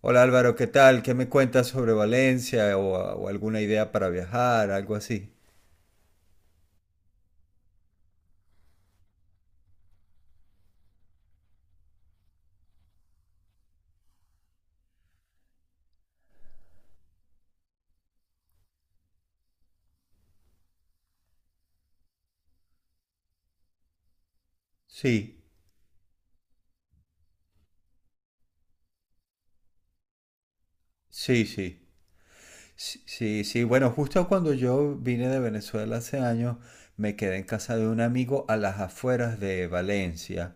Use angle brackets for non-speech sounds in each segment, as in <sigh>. Hola Álvaro, ¿qué tal? ¿Qué me cuentas sobre Valencia o alguna idea para viajar, algo así? Sí, sí, sí. Sí, sí, sí. Bueno, justo cuando yo vine de Venezuela hace años, me quedé en casa de un amigo a las afueras de Valencia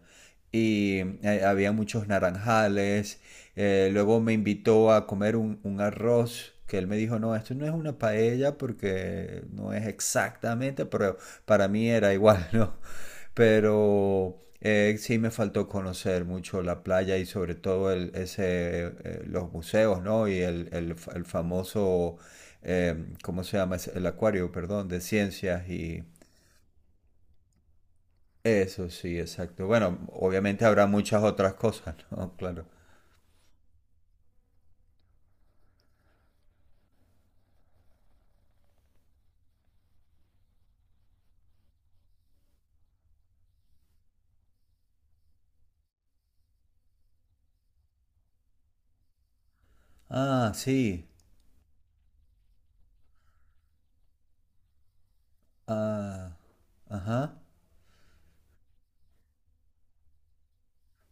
y había muchos naranjales. Luego me invitó a comer un arroz que él me dijo, no, esto no es una paella porque no es exactamente, pero para mí era igual, <laughs> ¿no? Pero sí me faltó conocer mucho la playa y sobre todo los museos, ¿no? Y el famoso, ¿cómo se llama? Es el acuario, perdón, de ciencias y eso, sí, exacto. Bueno, obviamente habrá muchas otras cosas, ¿no? <laughs> Claro. Ah, sí. Ah, ajá.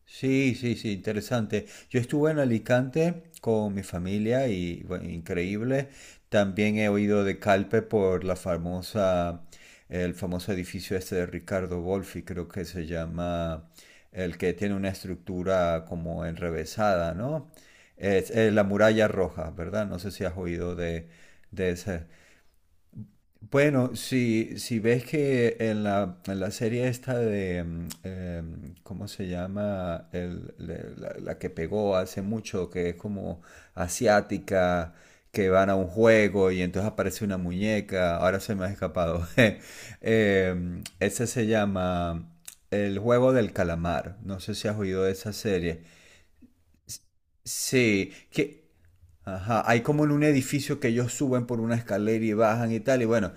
Sí, sí, sí, interesante. Yo estuve en Alicante con mi familia y bueno, increíble. También he oído de Calpe por el famoso edificio este de Ricardo Wolfi, creo que se llama, el que tiene una estructura como enrevesada, ¿no? Es, la muralla roja, ¿verdad? No sé si has oído de ese. Bueno, si ves que en la serie esta de, ¿cómo se llama? La que pegó hace mucho, que es como asiática, que van a un juego y entonces aparece una muñeca, ahora se me ha escapado. <laughs> Ese se llama El juego del calamar, no sé si has oído de esa serie. S- Sí, que. Ajá, hay como en un edificio que ellos suben por una escalera y bajan y tal, y bueno,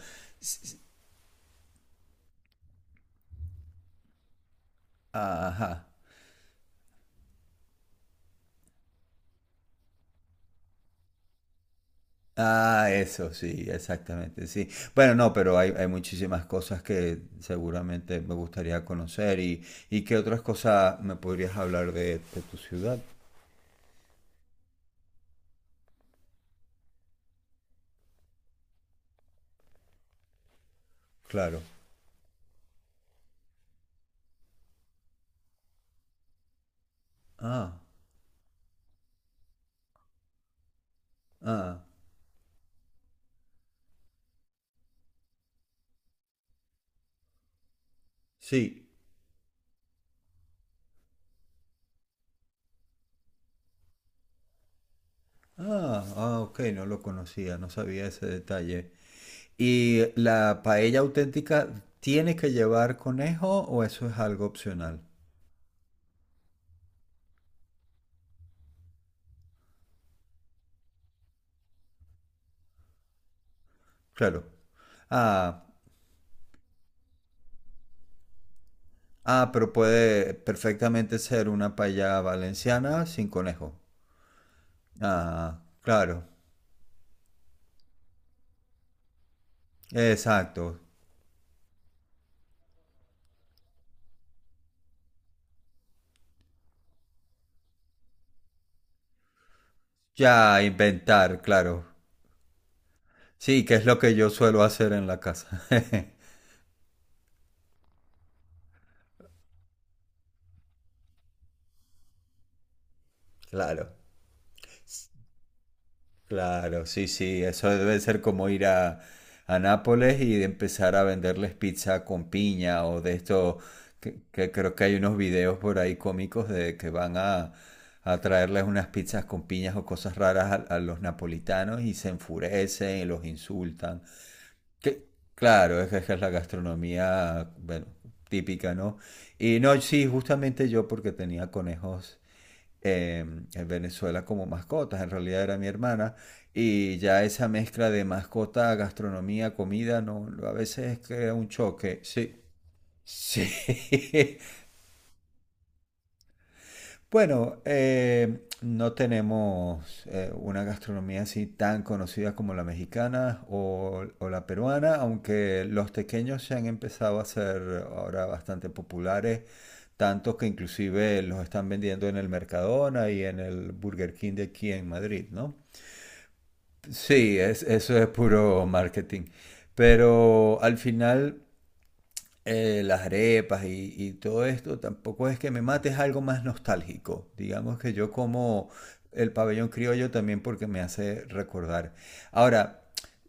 ajá. Ah, eso, sí, exactamente, sí. Bueno, no, pero hay muchísimas cosas que seguramente me gustaría conocer y qué otras cosas me podrías hablar de tu ciudad, claro. Ah, ah, sí. Ah, ah, ok, no lo conocía, no sabía ese detalle. ¿Y la paella auténtica tiene que llevar conejo o eso es algo opcional? Claro. Ah. Ah, pero puede perfectamente ser una paella valenciana sin conejo. Ah, claro. Exacto. Ya inventar, claro. Sí, que es lo que yo suelo hacer en la casa. <laughs> Claro. Claro, sí, sí, eso debe ser como ir a Nápoles y de empezar a venderles pizza con piña o de esto, que creo que hay unos videos por ahí cómicos de que van a traerles unas pizzas con piñas o cosas raras a los napolitanos y se enfurecen y los insultan. Que, claro, es que es la gastronomía, bueno, típica, ¿no? Y no, sí, justamente yo porque tenía conejos eh, en Venezuela como mascotas, en realidad era mi hermana, y ya esa mezcla de mascota, gastronomía, comida, no, a veces crea un choque, sí. Sí, <laughs> bueno, no tenemos una gastronomía así tan conocida como la mexicana o la peruana, aunque los tequeños se han empezado a ser ahora bastante populares, tanto que inclusive los están vendiendo en el Mercadona y en el Burger King de aquí en Madrid, ¿no? Sí, eso es puro marketing. Pero al final las arepas y todo esto, tampoco es que me mate, es algo más nostálgico. Digamos que yo como el pabellón criollo también porque me hace recordar. Ahora,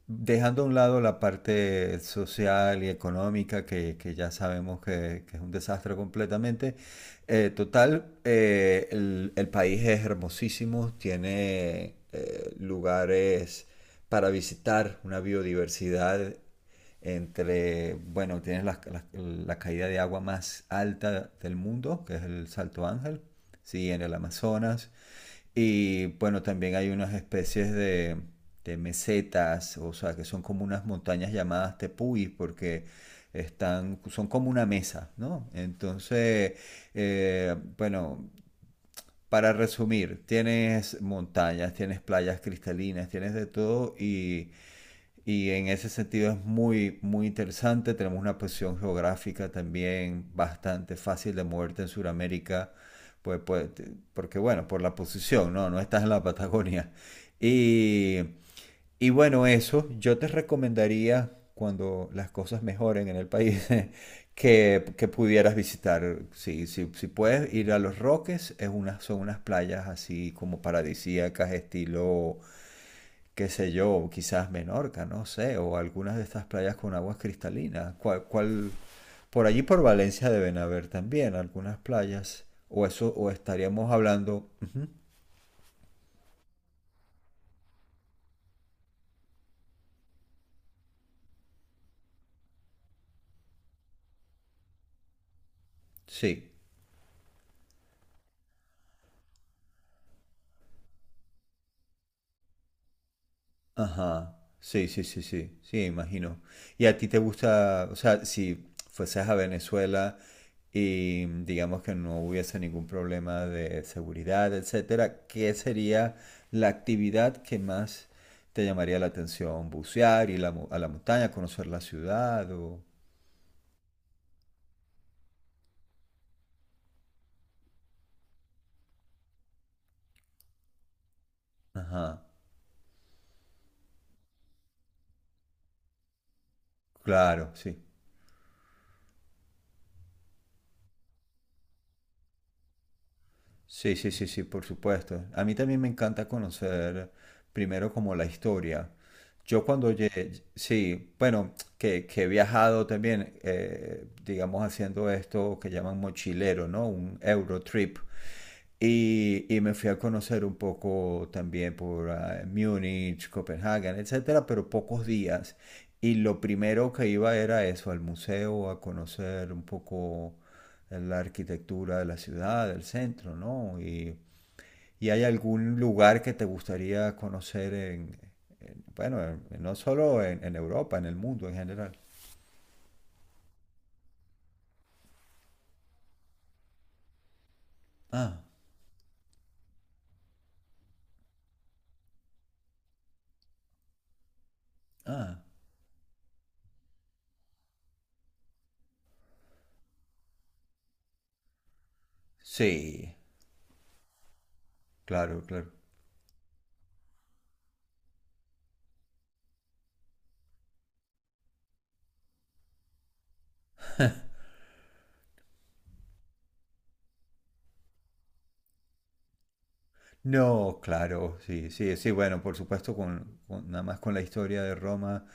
dejando a un lado la parte social y económica, que ya sabemos que es un desastre completamente, total, el país es hermosísimo, tiene lugares para visitar, una biodiversidad entre, bueno, tienes la caída de agua más alta del mundo, que es el Salto Ángel, sí, en el Amazonas. Y bueno, también hay unas especies de mesetas, o sea, que son como unas montañas llamadas tepuis, porque son como una mesa, ¿no? Entonces, bueno, para resumir, tienes montañas, tienes playas cristalinas, tienes de todo y en ese sentido es muy, muy interesante. Tenemos una posición geográfica también bastante fácil de moverte en Sudamérica, pues, porque bueno, por la posición, ¿no? No estás en la Patagonia. Y, y bueno, eso, yo te recomendaría, cuando las cosas mejoren en el país, <laughs> que pudieras visitar. Si puedes ir a Los Roques, son unas playas así como paradisíacas, estilo qué sé yo, quizás Menorca, no sé, o algunas de estas playas con aguas cristalinas. ¿Cuál? Por allí por Valencia deben haber también algunas playas, o eso, o estaríamos hablando, sí, ajá, sí, sí, sí, sí, sí, imagino. ¿Y a ti te gusta, o sea, si fueses a Venezuela y digamos que no hubiese ningún problema de seguridad, etcétera, qué sería la actividad que más te llamaría la atención? ¿Bucear, ir a a la montaña, conocer la ciudad o...? Ajá, claro, sí. Sí, sí, sí, sí, por supuesto. A mí también me encanta conocer primero como la historia. Yo cuando llegué, sí, bueno, que he viajado también, digamos, haciendo esto que llaman mochilero, ¿no? Un Eurotrip. Y me fui a conocer un poco también por Múnich, Copenhague, etcétera, pero pocos días. Y lo primero que iba era eso, al museo, a conocer un poco la arquitectura de la ciudad, del centro, ¿no? Y hay algún lugar que te gustaría conocer no solo en, Europa, en el mundo en general. Ah, ah, sí, claro, claro. No, claro, sí, sí, sí, bueno, por supuesto, nada más con la historia de Roma,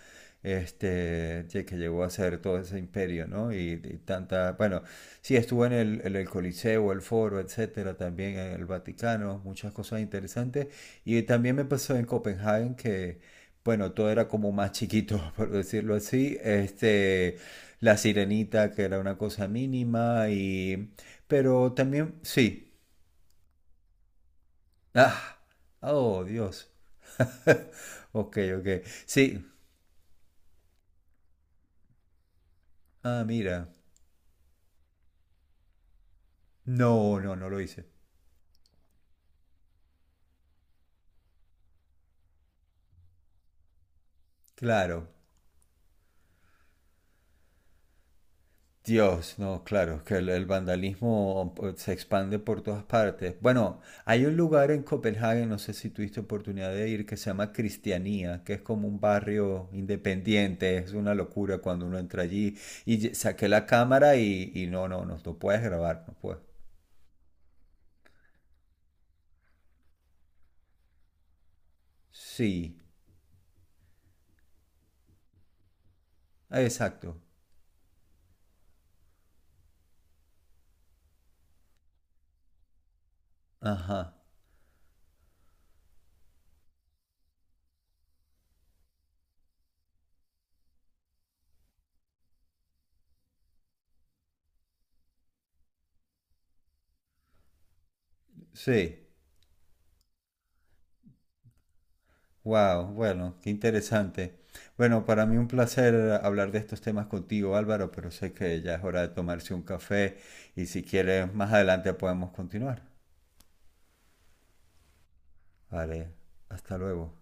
este, que llegó a ser todo ese imperio, ¿no? Y tanta, bueno, sí, estuvo en el Coliseo, el Foro, etcétera, también en el Vaticano, muchas cosas interesantes. Y también me pasó en Copenhague que, bueno, todo era como más chiquito, <laughs> por decirlo así, este, la sirenita, que era una cosa mínima, pero también, sí. Ah, oh, Dios. <laughs> Ok, ok. Sí. Ah, mira. No, no, no lo hice. Claro. Dios, no, claro, que el vandalismo se expande por todas partes. Bueno, hay un lugar en Copenhague, no sé si tuviste oportunidad de ir, que se llama Cristianía, que es como un barrio independiente, es una locura cuando uno entra allí. Y saqué la cámara y no, no, no, no puedes grabar, no puedes. Sí, ah, exacto. Ajá, sí. Wow, bueno, qué interesante. Bueno, para mí un placer hablar de estos temas contigo, Álvaro, pero sé que ya es hora de tomarse un café y si quieres, más adelante podemos continuar. Vale, hasta luego.